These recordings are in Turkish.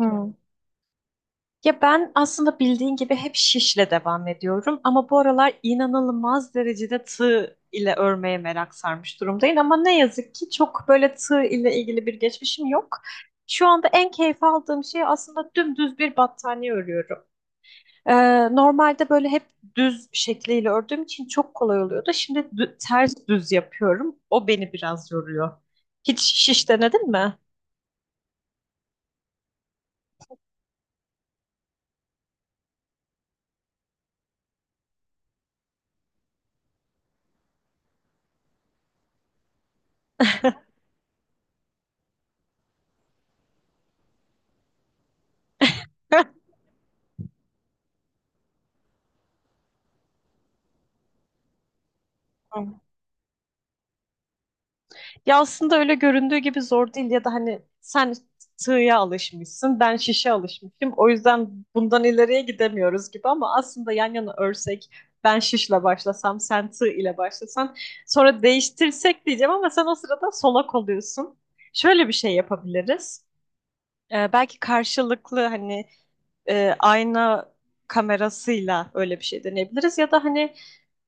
Hı. Ya ben aslında bildiğin gibi hep şişle devam ediyorum ama bu aralar inanılmaz derecede tığ ile örmeye merak sarmış durumdayım ama ne yazık ki çok böyle tığ ile ilgili bir geçmişim yok. Şu anda en keyif aldığım şey aslında dümdüz bir battaniye örüyorum. Ee, normalde böyle hep düz şekliyle ördüğüm için çok kolay oluyordu. Şimdi ters düz yapıyorum. O beni biraz yoruyor. Hiç şiş denedin mi? Ya aslında öyle göründüğü gibi zor değil ya da hani sen sığıya alışmışsın, ben şişe alışmışım. O yüzden bundan ileriye gidemiyoruz gibi ama aslında yan yana örsek ben şişle başlasam, sen tığ ile başlasan sonra değiştirsek diyeceğim ama sen o sırada solak oluyorsun. Şöyle bir şey yapabiliriz. Belki karşılıklı hani ayna kamerasıyla öyle bir şey deneyebiliriz. Ya da hani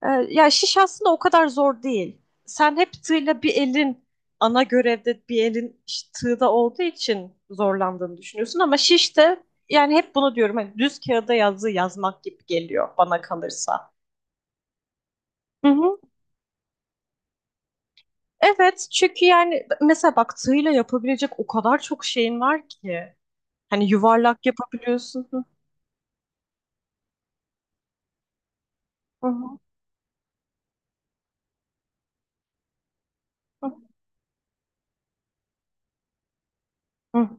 ya şiş aslında o kadar zor değil. Sen hep tığla bir elin ana görevde bir elin işte tığda olduğu için zorlandığını düşünüyorsun ama şiş de yani hep bunu diyorum hani düz kağıda yazı yazmak gibi geliyor bana kalırsa. Hı hı. Evet, çünkü yani mesela bak tığla yapabilecek o kadar çok şeyin var ki. Hani yuvarlak yapabiliyorsun. Hı hı. Hı hı. Hı.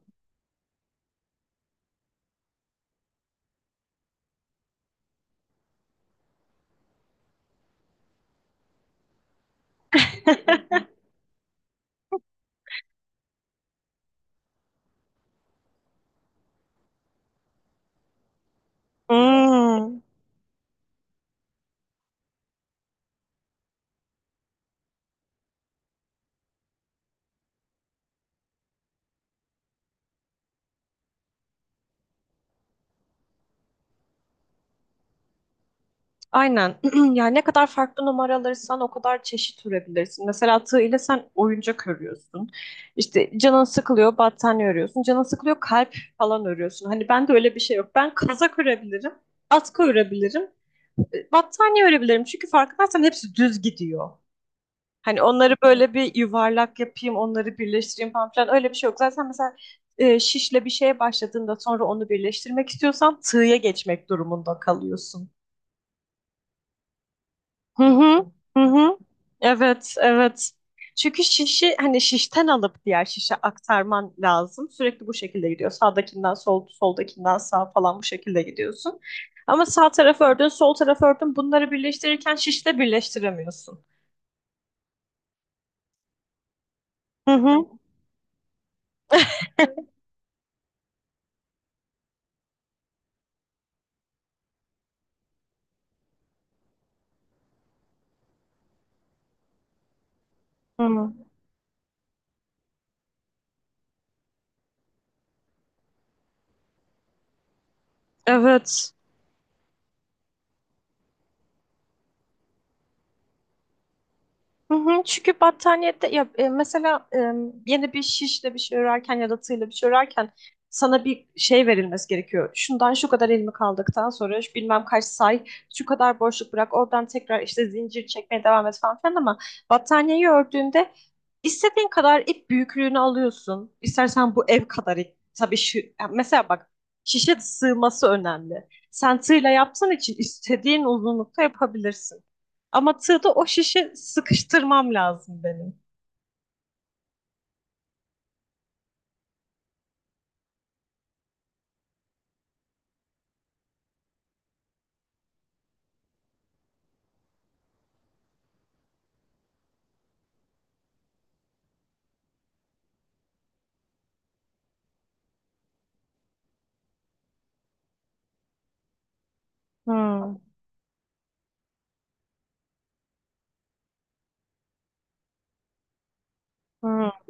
Hmm. Aynen. Yani ne kadar farklı numara alırsan o kadar çeşit ürebilirsin. Mesela tığ ile sen oyuncak örüyorsun. İşte canın sıkılıyor, battaniye örüyorsun. Canın sıkılıyor, kalp falan örüyorsun. Hani ben de öyle bir şey yok. Ben kazak örebilirim, atkı örebilirim, battaniye örebilirim. Çünkü fark edersen hepsi düz gidiyor. Hani onları böyle bir yuvarlak yapayım, onları birleştireyim falan filan öyle bir şey yok. Zaten mesela şişle bir şeye başladığında sonra onu birleştirmek istiyorsan tığya geçmek durumunda kalıyorsun. Hı hı, hı hı. Evet, evet. Çünkü şişi hani şişten alıp diğer şişe aktarman lazım. Sürekli bu şekilde gidiyor. Sağdakinden sol, soldakinden sağ falan bu şekilde gidiyorsun. Ama sağ tarafı ördün, sol tarafı ördün. Bunları birleştirirken şişle birleştiremiyorsun. Hı hı. Hı. Evet. Hı hı, çünkü battaniyede ya mesela yeni bir şişle bir şey örerken ya da tığla bir şey örerken sana bir şey verilmesi gerekiyor. Şundan şu kadar ilmek aldıktan sonra şu bilmem kaç say, şu kadar boşluk bırak, oradan tekrar işte zincir çekmeye devam et falan filan ama battaniyeyi ördüğünde istediğin kadar ip büyüklüğünü alıyorsun. İstersen bu ev kadar ip. Tabii şu, yani mesela bak şişe sığması önemli. Sen tığla yaptığın için istediğin uzunlukta yapabilirsin. Ama tığda o şişi sıkıştırmam lazım benim. Hmm. Hmm.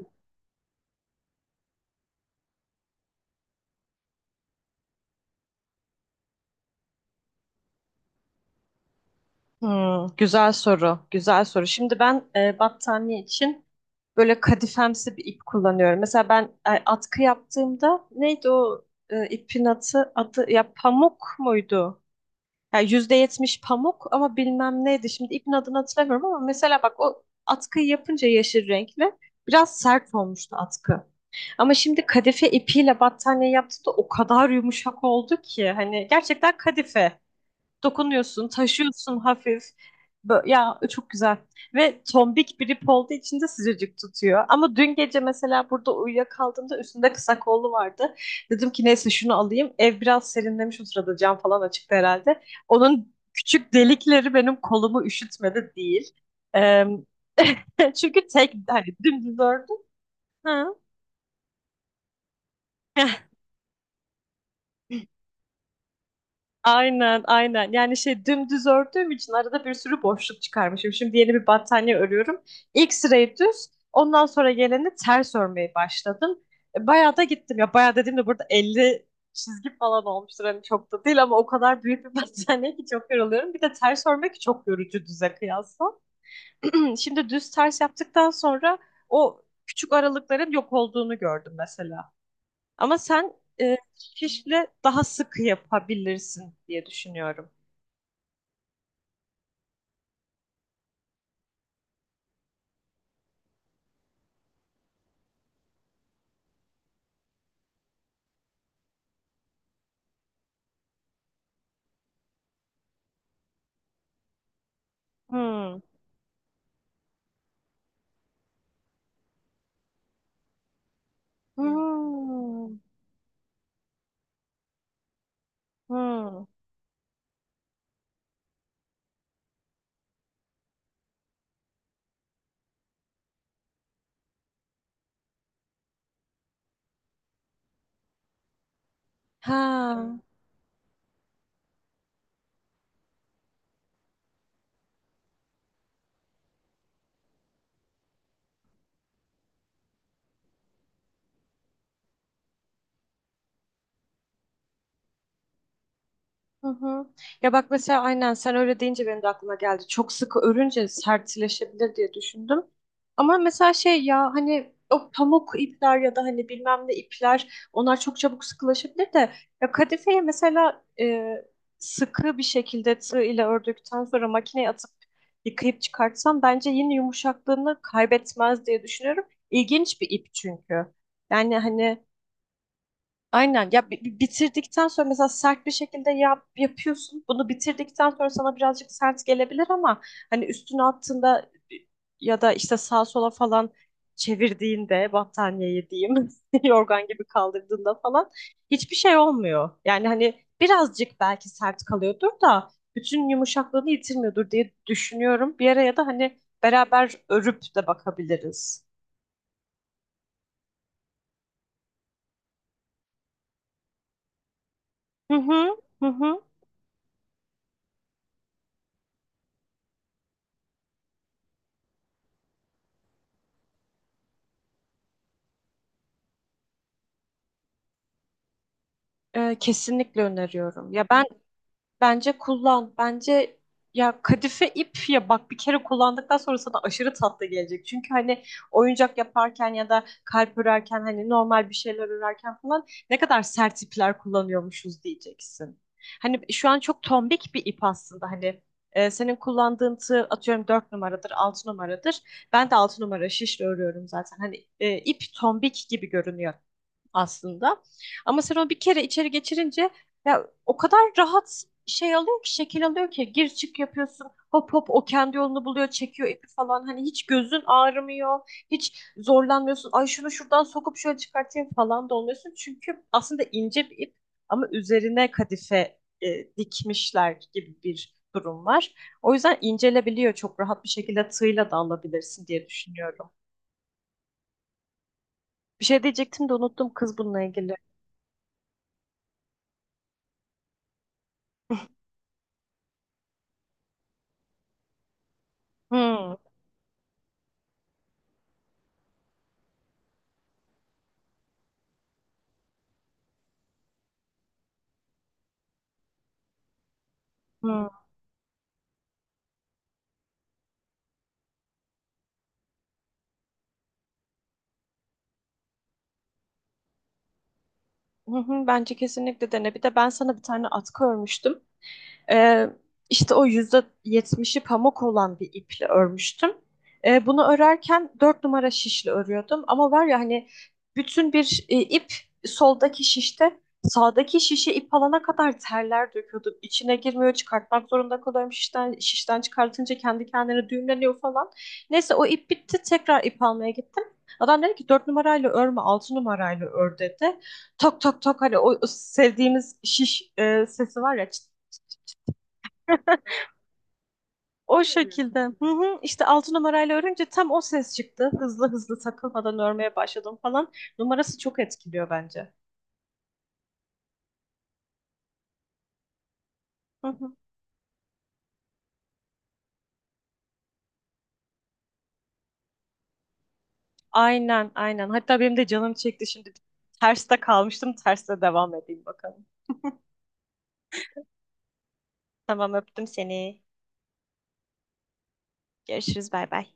Hmm. Güzel soru, güzel soru. Şimdi ben battaniye için böyle kadifemsi bir ip kullanıyorum. Mesela ben atkı yaptığımda neydi o ipin adı, adı ya pamuk muydu? Yani %70 pamuk ama bilmem neydi. Şimdi ipin adını hatırlamıyorum ama mesela bak o atkıyı yapınca yeşil renkli biraz sert olmuştu atkı. Ama şimdi kadife ipiyle battaniye yaptı da o kadar yumuşak oldu ki hani gerçekten kadife. Dokunuyorsun, taşıyorsun hafif. Ya çok güzel. Ve tombik bir ip olduğu için de sıcacık tutuyor. Ama dün gece mesela burada uyuyakaldığımda üstünde kısa kollu vardı. Dedim ki neyse şunu alayım. Ev biraz serinlemiş o sırada cam falan açıktı herhalde. Onun küçük delikleri benim kolumu üşütmedi değil. Eee, Çünkü tek hani dümdüz ördüm. Ha. Aynen, aynen. Yani şey dümdüz ördüğüm için arada bir sürü boşluk çıkarmışım. Şimdi yeni bir battaniye örüyorum. İlk sırayı düz, ondan sonra geleni ters örmeye başladım. Bayağı da gittim ya. Bayağı dediğimde burada 50 çizgi falan olmuştur. Hani çok da değil ama o kadar büyük bir battaniye ki çok yoruluyorum. Bir de ters örmek çok yorucu düze kıyasla. Şimdi düz ters yaptıktan sonra o küçük aralıkların yok olduğunu gördüm mesela. Ama sen e, şişle daha sık yapabilirsin diye düşünüyorum. Hmm. Hmm. Hmm. Ha. Hı hı. Ya bak mesela aynen sen öyle deyince benim de aklıma geldi. Çok sıkı örünce sertleşebilir diye düşündüm. Ama mesela şey ya hani o pamuk ipler ya da hani bilmem ne ipler onlar çok çabuk sıkılaşabilir de ya kadifeyi mesela sıkı bir şekilde tığ ile ördükten sonra makineye atıp yıkayıp çıkartsam bence yine yumuşaklığını kaybetmez diye düşünüyorum. İlginç bir ip çünkü. Yani hani aynen ya bitirdikten sonra mesela sert bir şekilde yap, yapıyorsun. Bunu bitirdikten sonra sana birazcık sert gelebilir ama hani üstüne attığında ya da işte sağa sola falan çevirdiğinde battaniyeyi diyeyim yorgan gibi kaldırdığında falan hiçbir şey olmuyor. Yani hani birazcık belki sert kalıyordur da bütün yumuşaklığını yitirmiyordur diye düşünüyorum. Bir araya da hani beraber örüp de bakabiliriz. Hı hı, hı hı. Kesinlikle öneriyorum. Bence kullan. Bence ya kadife ip ya bak bir kere kullandıktan sonra sana aşırı tatlı gelecek. Çünkü hani oyuncak yaparken ya da kalp örerken hani normal bir şeyler örerken falan ne kadar sert ipler kullanıyormuşuz diyeceksin. Hani şu an çok tombik bir ip aslında hani senin kullandığın tığ atıyorum 4 numaradır 6 numaradır. Ben de 6 numara şişle örüyorum zaten. Hani ip tombik gibi görünüyor aslında. Ama sen onu bir kere içeri geçirince ya o kadar rahat şey alıyor ki şekil alıyor ki gir çık yapıyorsun. Hop hop o kendi yolunu buluyor, çekiyor ipi falan. Hani hiç gözün ağrımıyor. Hiç zorlanmıyorsun. Ay şunu şuradan sokup şöyle çıkartayım falan da olmuyorsun. Çünkü aslında ince bir ip ama üzerine kadife dikmişler gibi bir durum var. O yüzden incelebiliyor çok rahat bir şekilde tığla da alabilirsin diye düşünüyorum. Bir şey diyecektim de unuttum kız bununla ilgili. Hmm, hmm. Hı hı, bence kesinlikle dene. Bir de ben sana bir tane atkı örmüştüm. Ee, işte o %70'i pamuk olan bir iple örmüştüm. Bunu örerken 4 numara şişle örüyordum. Ama var ya hani bütün bir ip soldaki şişte sağdaki şişe ip alana kadar terler döküyordum. İçine girmiyor çıkartmak zorunda kalıyorum. Şişten, şişten çıkartınca kendi kendine düğümleniyor falan. Neyse o ip bitti tekrar ip almaya gittim. Adam dedi ki 4 numarayla örme, 6 numarayla ör dedi. Tok tok tok hani o sevdiğimiz şiş sesi var ya çıt. O şekilde. Hı hı. İşte 6 numarayla örünce tam o ses çıktı. Hızlı hızlı takılmadan örmeye başladım falan. Numarası çok etkiliyor bence. Hı hı. Aynen, aynen. Hatta benim de canım çekti şimdi. Terste kalmıştım. Terste devam edeyim bakalım. Tamam, öptüm seni. Görüşürüz. Bay bay.